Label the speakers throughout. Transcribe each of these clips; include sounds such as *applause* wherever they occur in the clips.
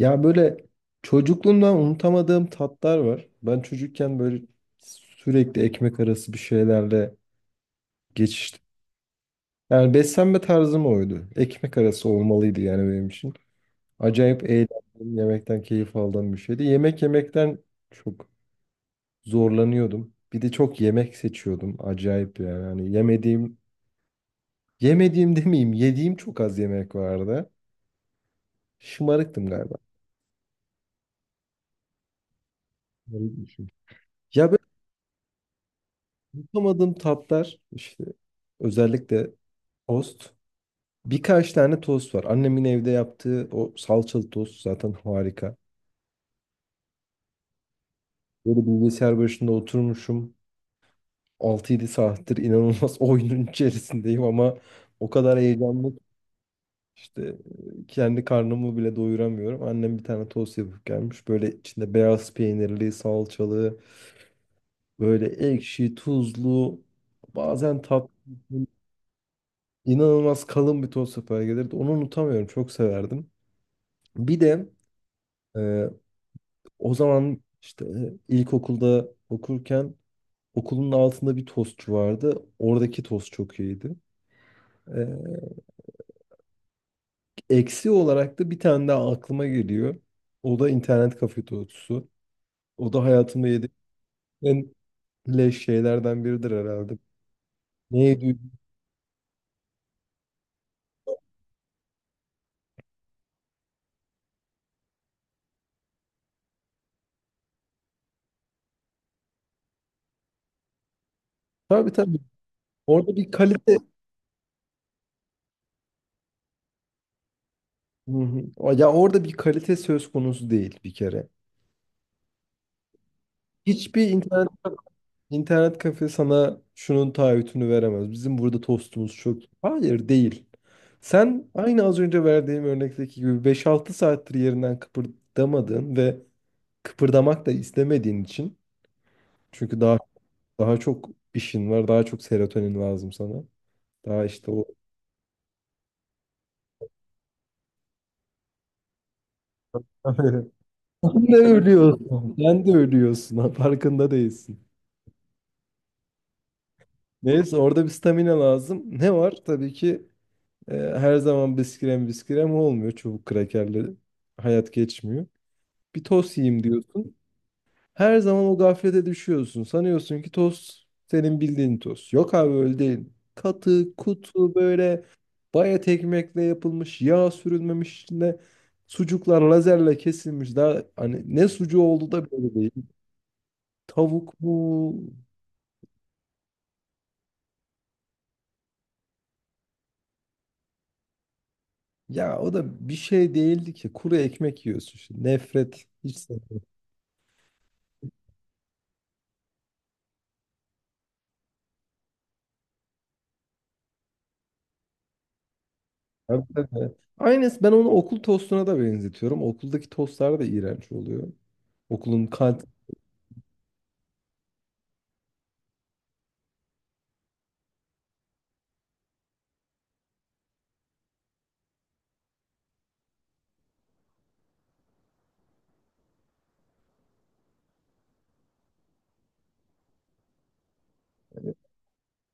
Speaker 1: Ya böyle çocukluğumdan unutamadığım tatlar var. Ben çocukken böyle sürekli ekmek arası bir şeylerle geçiştim. Yani beslenme tarzım oydu. Ekmek arası olmalıydı yani benim için. Acayip eğlendim, yemekten keyif aldığım bir şeydi. Yemek yemekten çok zorlanıyordum. Bir de çok yemek seçiyordum. Acayip yani. Hani yemediğim, yemediğim demeyeyim, yediğim çok az yemek vardı. Şımarıktım galiba. Şımarıkmışım. Ya, yapamadığım tatlar işte özellikle tost. Birkaç tane tost var. Annemin evde yaptığı o salçalı tost zaten harika. Böyle bilgisayar başında oturmuşum. 6-7 saattir inanılmaz *laughs* oyunun içerisindeyim, ama o kadar heyecanlı ki işte kendi karnımı bile doyuramıyorum. Annem bir tane tost yapıp gelmiş. Böyle içinde beyaz peynirli, salçalı, böyle ekşi, tuzlu, bazen tatlı. İnanılmaz kalın bir toz sopaya gelirdi. Onu unutamıyorum. Çok severdim. Bir de e, o zaman işte ilkokulda okurken okulun altında bir tostçu vardı. Oradaki tost çok iyiydi. E, Eksi olarak da bir tane daha aklıma geliyor. O da internet kafe tostusu. O da hayatımda yediğim en leş şeylerden biridir herhalde. Neydi? Tabii, tabii. Orada bir kalite. Hı hı. Ya, orada bir kalite söz konusu değil bir kere. Hiçbir internet İnternet kafe sana şunun taahhütünü veremez. Bizim burada tostumuz çok. Hayır, değil. Sen aynı az önce verdiğim örnekteki gibi 5-6 saattir yerinden kıpırdamadığın ve kıpırdamak da istemediğin için, çünkü daha çok işin var, daha çok serotonin lazım sana. Daha işte o. *laughs* Sen de ölüyorsun. Sen de ölüyorsun. *laughs* Farkında değilsin. Neyse, orada bir stamina lazım. Ne var? Tabii ki. Her zaman biskrem biskrem olmuyor. Çubuk krakerle hayat geçmiyor. Bir tost yiyeyim diyorsun. Her zaman o gaflete düşüyorsun. Sanıyorsun ki tost senin bildiğin tost. Yok abi, öyle değil. Katı, kutu, böyle bayat ekmekle yapılmış, yağ sürülmemiş, içinde sucuklar lazerle kesilmiş. Daha hani ne sucuğu oldu da, böyle değil. Tavuk mu? Ya, o da bir şey değildi ki. Kuru ekmek yiyorsun. Şimdi. Nefret. Hiç sevmem. Tabii, tabii. Aynısı, ben onu okul tostuna da benzetiyorum. Okuldaki tostlar da iğrenç oluyor. Okulun kant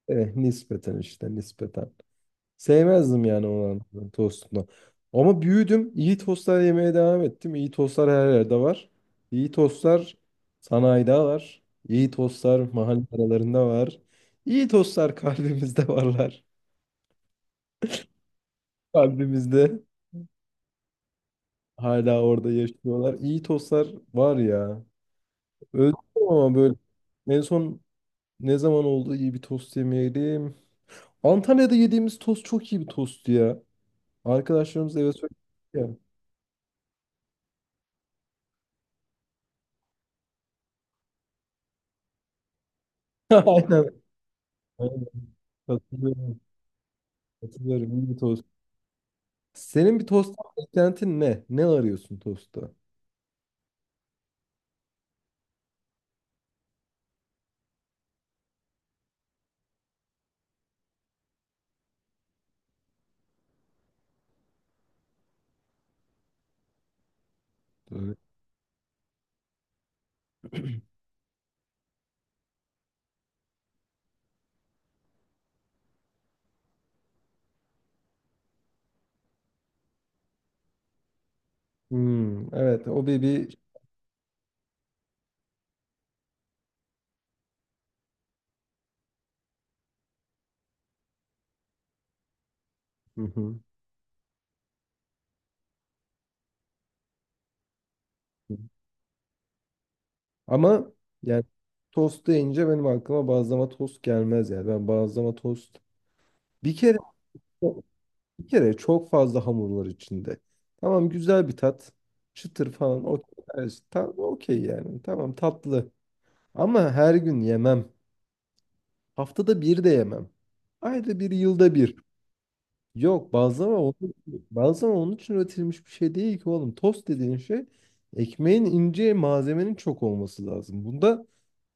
Speaker 1: Nispeten işte, nispeten. Sevmezdim yani olan tostunu. Ama büyüdüm. İyi tostlar yemeye devam ettim. İyi tostlar her yerde var. İyi tostlar sanayide var. İyi tostlar mahalle aralarında var. İyi tostlar *laughs* kalbimizde varlar. Kalbimizde hala orada yaşıyorlar. İyi tostlar var ya. Öldüm ama böyle en son ne zaman oldu iyi bir tost yemeyelim. Antalya'da yediğimiz tost çok iyi bir tost ya. Arkadaşlarımız eve söyledi ya. *laughs* Aynen. Aynen. Katılıyorum. Katılıyorum. İyi bir tost. Senin bir tost beklentin ne? Ne arıyorsun tostta? Böyle. Hmm, evet, o bir. Hı hı. Ama yani tost deyince benim aklıma bazlama tost gelmez yani. Ben bazlama tost bir kere Bir kere çok fazla hamur var içinde. Tamam, güzel bir tat. Çıtır falan okey. Evet, ta- okey yani. Tamam, tatlı. Ama her gün yemem. Haftada bir de yemem. Ayda bir, yılda bir. Yok, bazlama onun için üretilmiş bir şey değil ki oğlum. Tost dediğin şey, ekmeğin ince, malzemenin çok olması lazım. Bunda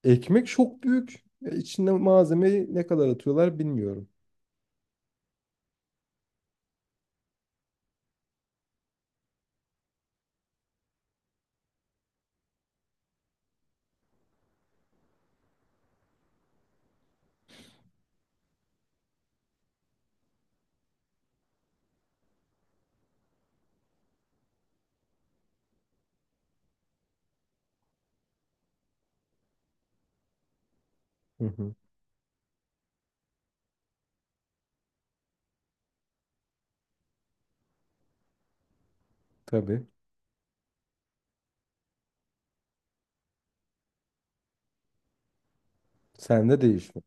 Speaker 1: ekmek çok büyük. E, İçinde malzemeyi ne kadar atıyorlar bilmiyorum. Hı hı. Tabii. Sende değişmez.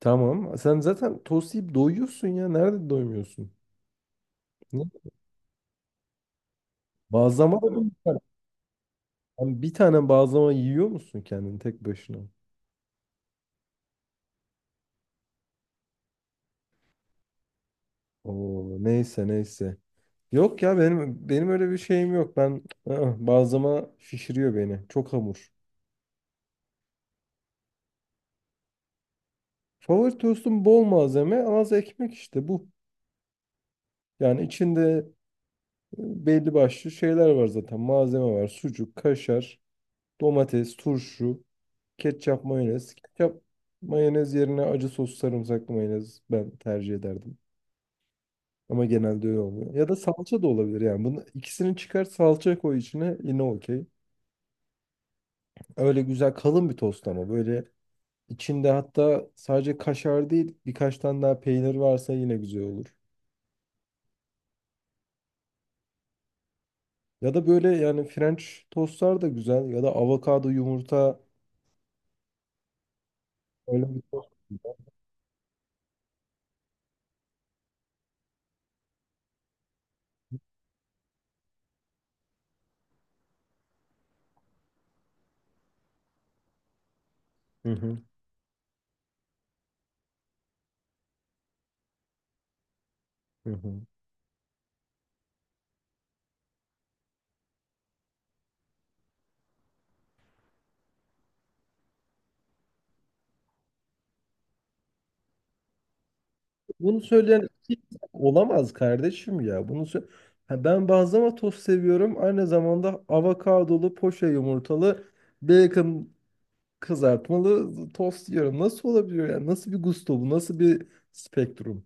Speaker 1: Tamam. Sen zaten tost yiyip doyuyorsun ya. Nerede doymuyorsun? Ne? Bazlama da mı? Tane. Bir tane bazlama yiyor musun kendin tek başına? Oo, neyse, neyse. Yok ya, benim öyle bir şeyim yok. Ben, bazlama şişiriyor beni. Çok hamur. Favori tostum bol malzeme, az ekmek işte bu. Yani içinde belli başlı şeyler var zaten. Malzeme var. Sucuk, kaşar, domates, turşu. Ketçap, mayonez. Ketçap, mayonez yerine acı sos, sarımsaklı mayonez ben tercih ederdim. Ama genelde öyle olmuyor. Ya da salça da olabilir yani. Bunu ikisini çıkar, salça koy içine, yine okey. Öyle güzel kalın bir tost, ama böyle içinde hatta sadece kaşar değil birkaç tane daha peynir varsa yine güzel olur. Ya da böyle yani French tostlar da güzel, ya da avokado yumurta, öyle bir tost. Hı hı, hı hı. Bunu söyleyen kimse olamaz kardeşim ya. Bunu sö-. Ha, ben bazlama tost seviyorum. Aynı zamanda avokadolu, poşe yumurtalı, bacon kızartmalı tost yiyorum. Nasıl olabiliyor ya? Nasıl bir gusto bu? Nasıl bir spektrum?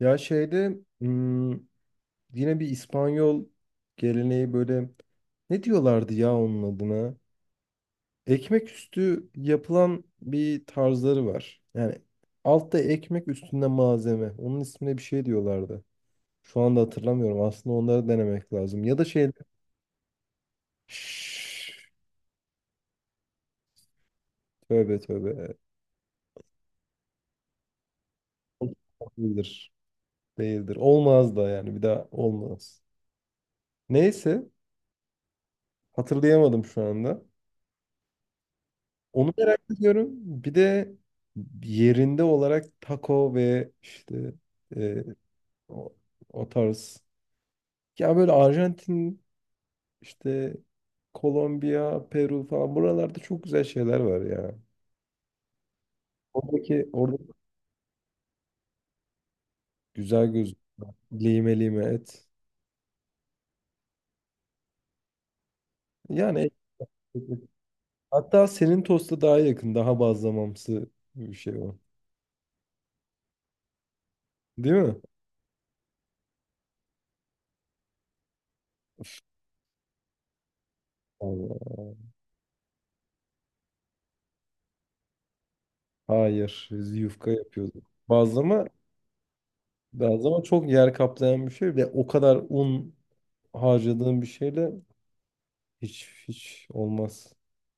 Speaker 1: Ya şeyde, yine bir İspanyol geleneği, böyle ne diyorlardı ya onun adına? Ekmek üstü yapılan bir tarzları var. Yani altta ekmek, üstünde malzeme. Onun ismine bir şey diyorlardı. Şu anda hatırlamıyorum. Aslında onları denemek lazım. Ya da şey... Şşş, tövbe tövbe. Değildir. Değildir. Olmaz da yani. Bir daha olmaz. Neyse. Hatırlayamadım şu anda. Onu merak ediyorum. Bir de yerinde olarak taco ve işte e, o, o tarz. Ya böyle Arjantin işte, Kolombiya, Peru falan, buralarda çok güzel şeyler var ya. Orada güzel göz lime lime et. Yani hatta senin tosta daha yakın, daha bazlamamsı bir şey o. Değil mi? Allah. Hayır, biz yufka yapıyorduk. Bazlama, bazlama çok yer kaplayan bir şey ve o kadar un harcadığın bir şeyle hiç olmaz.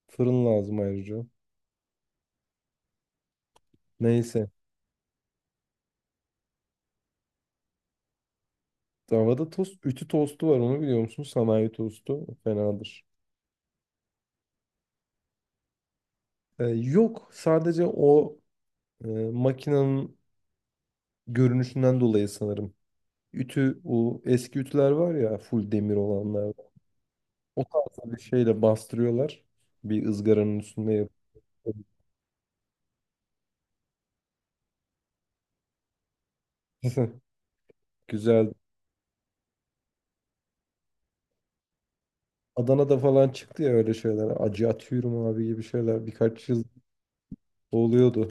Speaker 1: Fırın lazım ayrıca. Neyse. Davada tost, ütü tostu var, onu biliyor musun? Sanayi tostu fenadır. Yok, sadece o makinenin görünüşünden dolayı sanırım. Ütü, o eski ütüler var ya, full demir olanlar. O tarz bir şeyle bastırıyorlar. Bir ızgaranın üstünde yapıyorlar. *laughs* Güzel. Adana'da falan çıktı ya öyle şeyler. Acı atıyorum abi gibi şeyler. Birkaç yıl oluyordu.